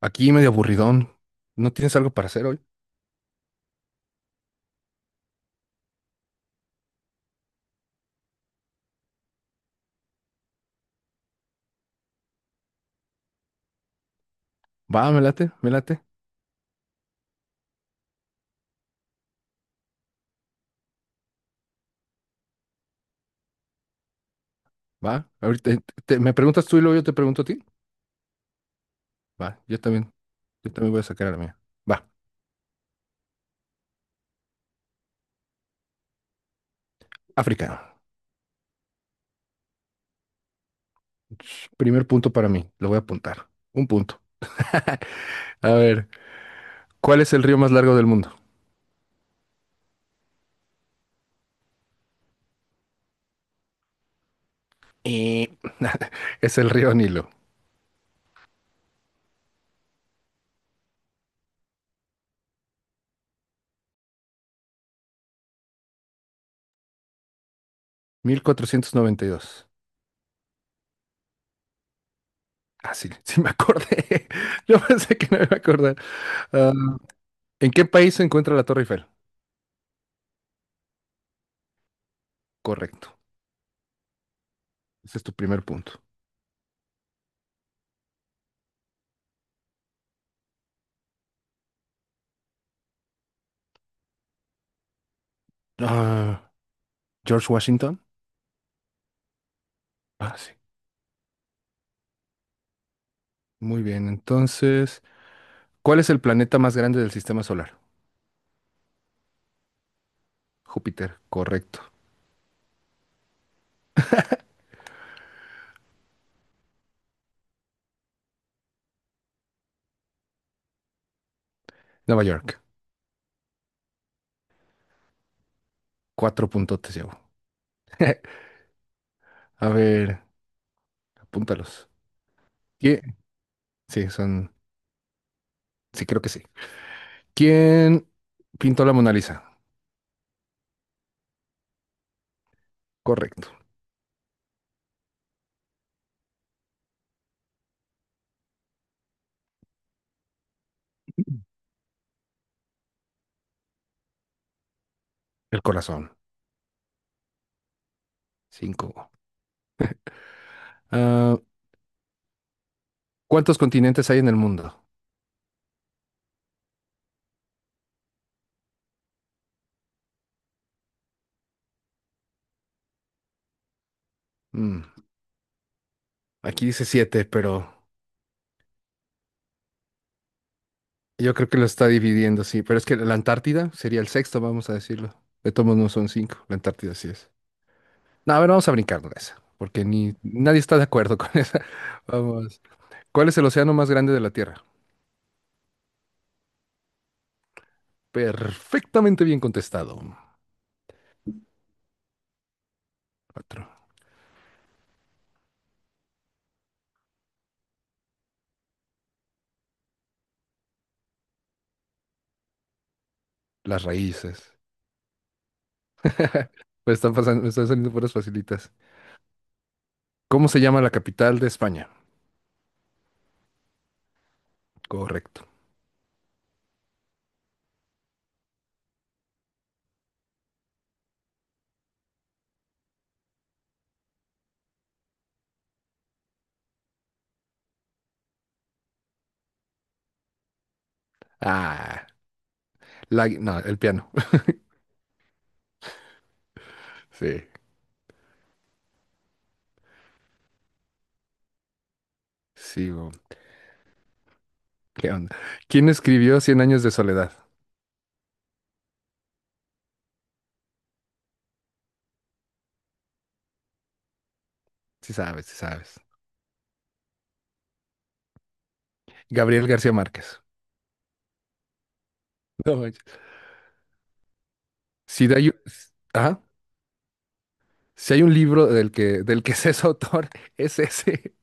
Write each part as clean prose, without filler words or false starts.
Aquí medio aburridón. ¿No tienes algo para hacer hoy? Va, me late, me late. Va. Ahorita me preguntas tú y luego yo te pregunto a ti. Va, yo también. Yo también voy a sacar a la mía. Va, África. Ch, primer punto para mí. Lo voy a apuntar. Un punto. A ver, ¿cuál es el río más largo del mundo? Eh, es el río Nilo. 1492. Ah, sí, sí me acordé. Yo pensé que no me iba a acordar. Ah, ¿en qué país se encuentra la Torre Eiffel? Correcto. Ese es tu primer punto. Ah, George Washington. Ah, sí. Muy bien, entonces, ¿cuál es el planeta más grande del sistema solar? Júpiter, correcto. Nueva York, cuatro puntotes llevo. A ver, apúntalos. ¿Quién? Sí, son, sí, creo que sí. ¿Quién pintó la Mona Lisa? Correcto. El corazón, cinco. Ah, ¿cuántos continentes hay en el mundo? Mm, aquí dice siete, pero yo creo que lo está dividiendo, sí. Pero es que la Antártida sería el sexto, vamos a decirlo. De todos modos no son cinco, la Antártida sí es. No, a ver, vamos a brincar de esa, porque ni nadie está de acuerdo con esa. Vamos. ¿Cuál es el océano más grande de la Tierra? Perfectamente bien contestado. Cuatro. Las raíces. Pues están pasando, me están saliendo puras facilitas. ¿Cómo se llama la capital de España? Correcto. Ah, la, no, el piano. Sí, sigo. ¿Qué onda? ¿Quién escribió Cien años de soledad? Sí sabes, sí sabes. Gabriel García Márquez. No manches. Si de ahí- ajá. Si hay un libro del que se es autor, es ese.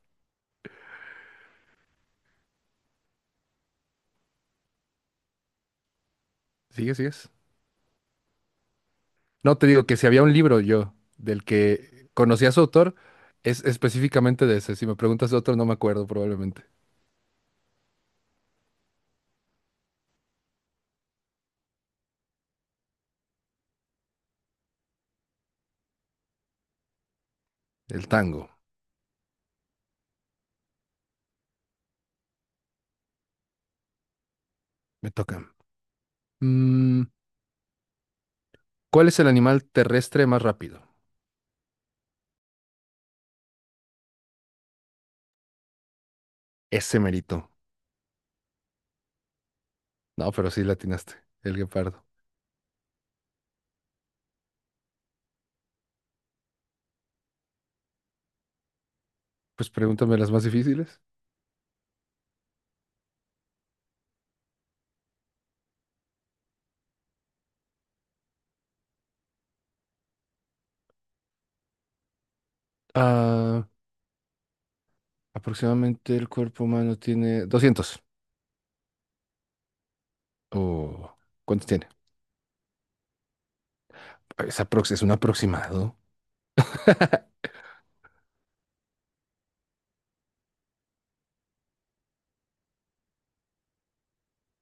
Sigue, ¿sigues? No, te digo que si había un libro yo del que conocía a su autor, es específicamente de ese. Si me preguntas de otro, no me acuerdo probablemente. El tango. Me toca. Mm, ¿Cuál es el animal terrestre más rápido? Ese merito. No, pero sí latinaste. El guepardo. Pues pregúntame las más difíciles. Ah, aproximadamente el cuerpo humano tiene 200. O ¿cuántos tiene? Es un aproximado.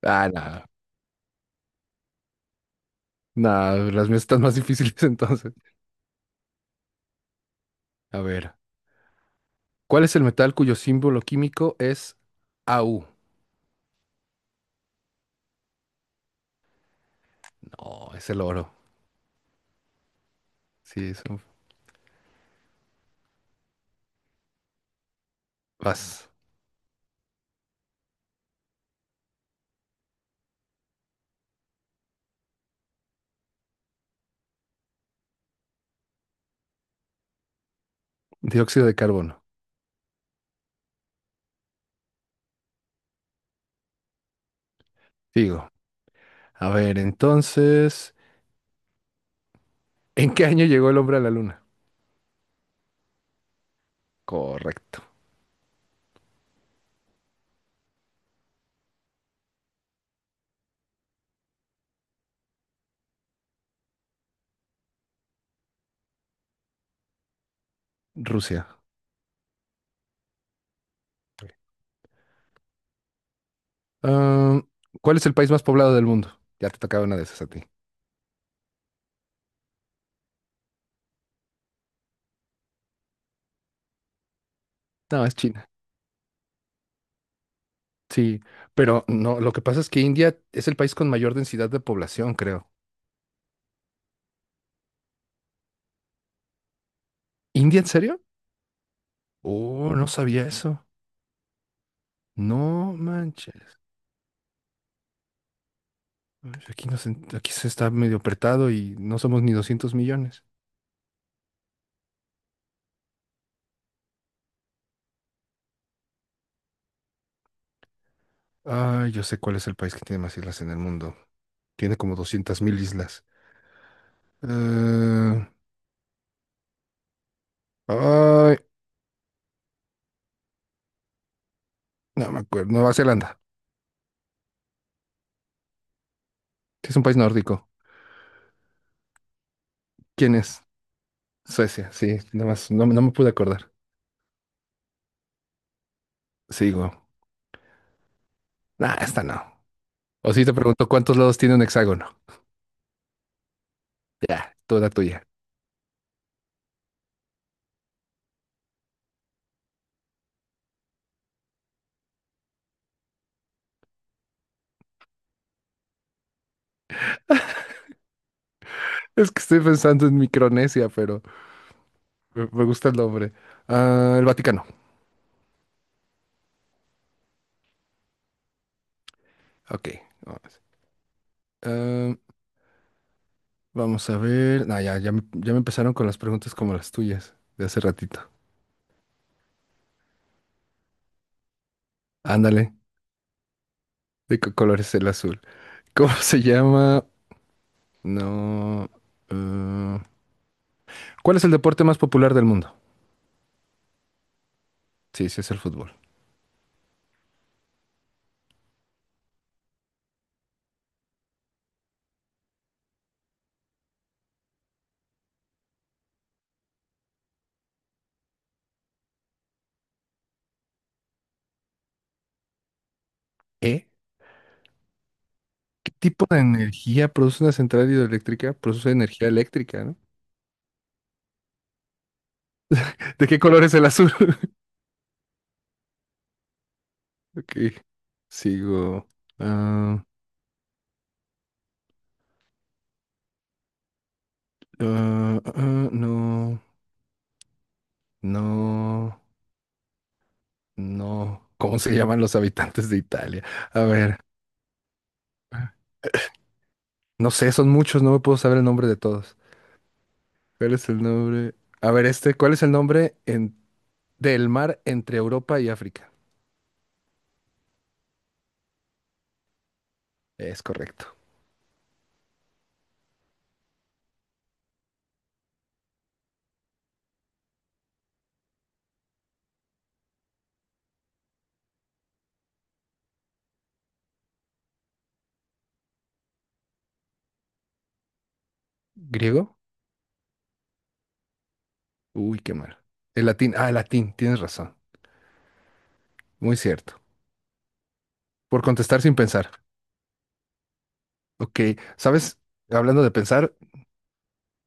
Ah, nada. Nada, las mías están más difíciles entonces. A ver. ¿Cuál es el metal cuyo símbolo químico es AU? No, es el oro. Sí, es un... Vas. Dióxido de carbono. Digo. A ver, entonces, ¿en qué año llegó el hombre a la luna? Correcto. Rusia. Ah, ¿cuál es el país más poblado del mundo? Ya te tocaba una de esas a ti. No, es China. Sí, pero no, lo que pasa es que India es el país con mayor densidad de población, creo. ¿India en serio? Oh, no sabía eso. No manches. Ay, pues aquí se está medio apretado y no somos ni 200 millones. Ah, yo sé cuál es el país que tiene más islas en el mundo. Tiene como 200 mil islas. Eh, ay, no me acuerdo. Nueva Zelanda. Sí, es un país nórdico. ¿Quién es? Suecia. Sí, nada más. No, no me pude acordar. Sigo. Nah, esta no. O si te pregunto cuántos lados tiene un hexágono. Ya, toda tuya. Es que estoy pensando en Micronesia, pero me gusta el nombre. Ah, el Vaticano. Ok. Vamos a ver. No, ya, ya, ya me empezaron con las preguntas como las tuyas de hace ratito. Ándale. ¿De qué color es el azul? ¿Cómo se llama? No. eh, ¿cuál es el deporte más popular del mundo? Sí, sí, es el fútbol. ¿Eh? ¿Qué tipo de energía produce una central hidroeléctrica? Produce energía eléctrica, ¿no? ¿De qué color es el azul? Ok, sigo. Ah, ah, ah, no, no, no. ¿Cómo se llaman los habitantes de Italia? A ver. No sé, son muchos, no me puedo saber el nombre de todos. ¿Cuál es el nombre? A ver, este, ¿cuál es el nombre del mar entre Europa y África? Es correcto. ¿Griego? Uy, qué mal. El latín, ah, el latín, tienes razón. Muy cierto. Por contestar sin pensar. Ok, ¿sabes? Hablando de pensar,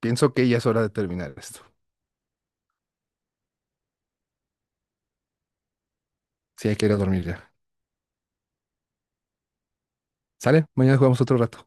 pienso que ya es hora de terminar esto. Sí, hay que ir a dormir ya. ¿Sale? Mañana jugamos otro rato.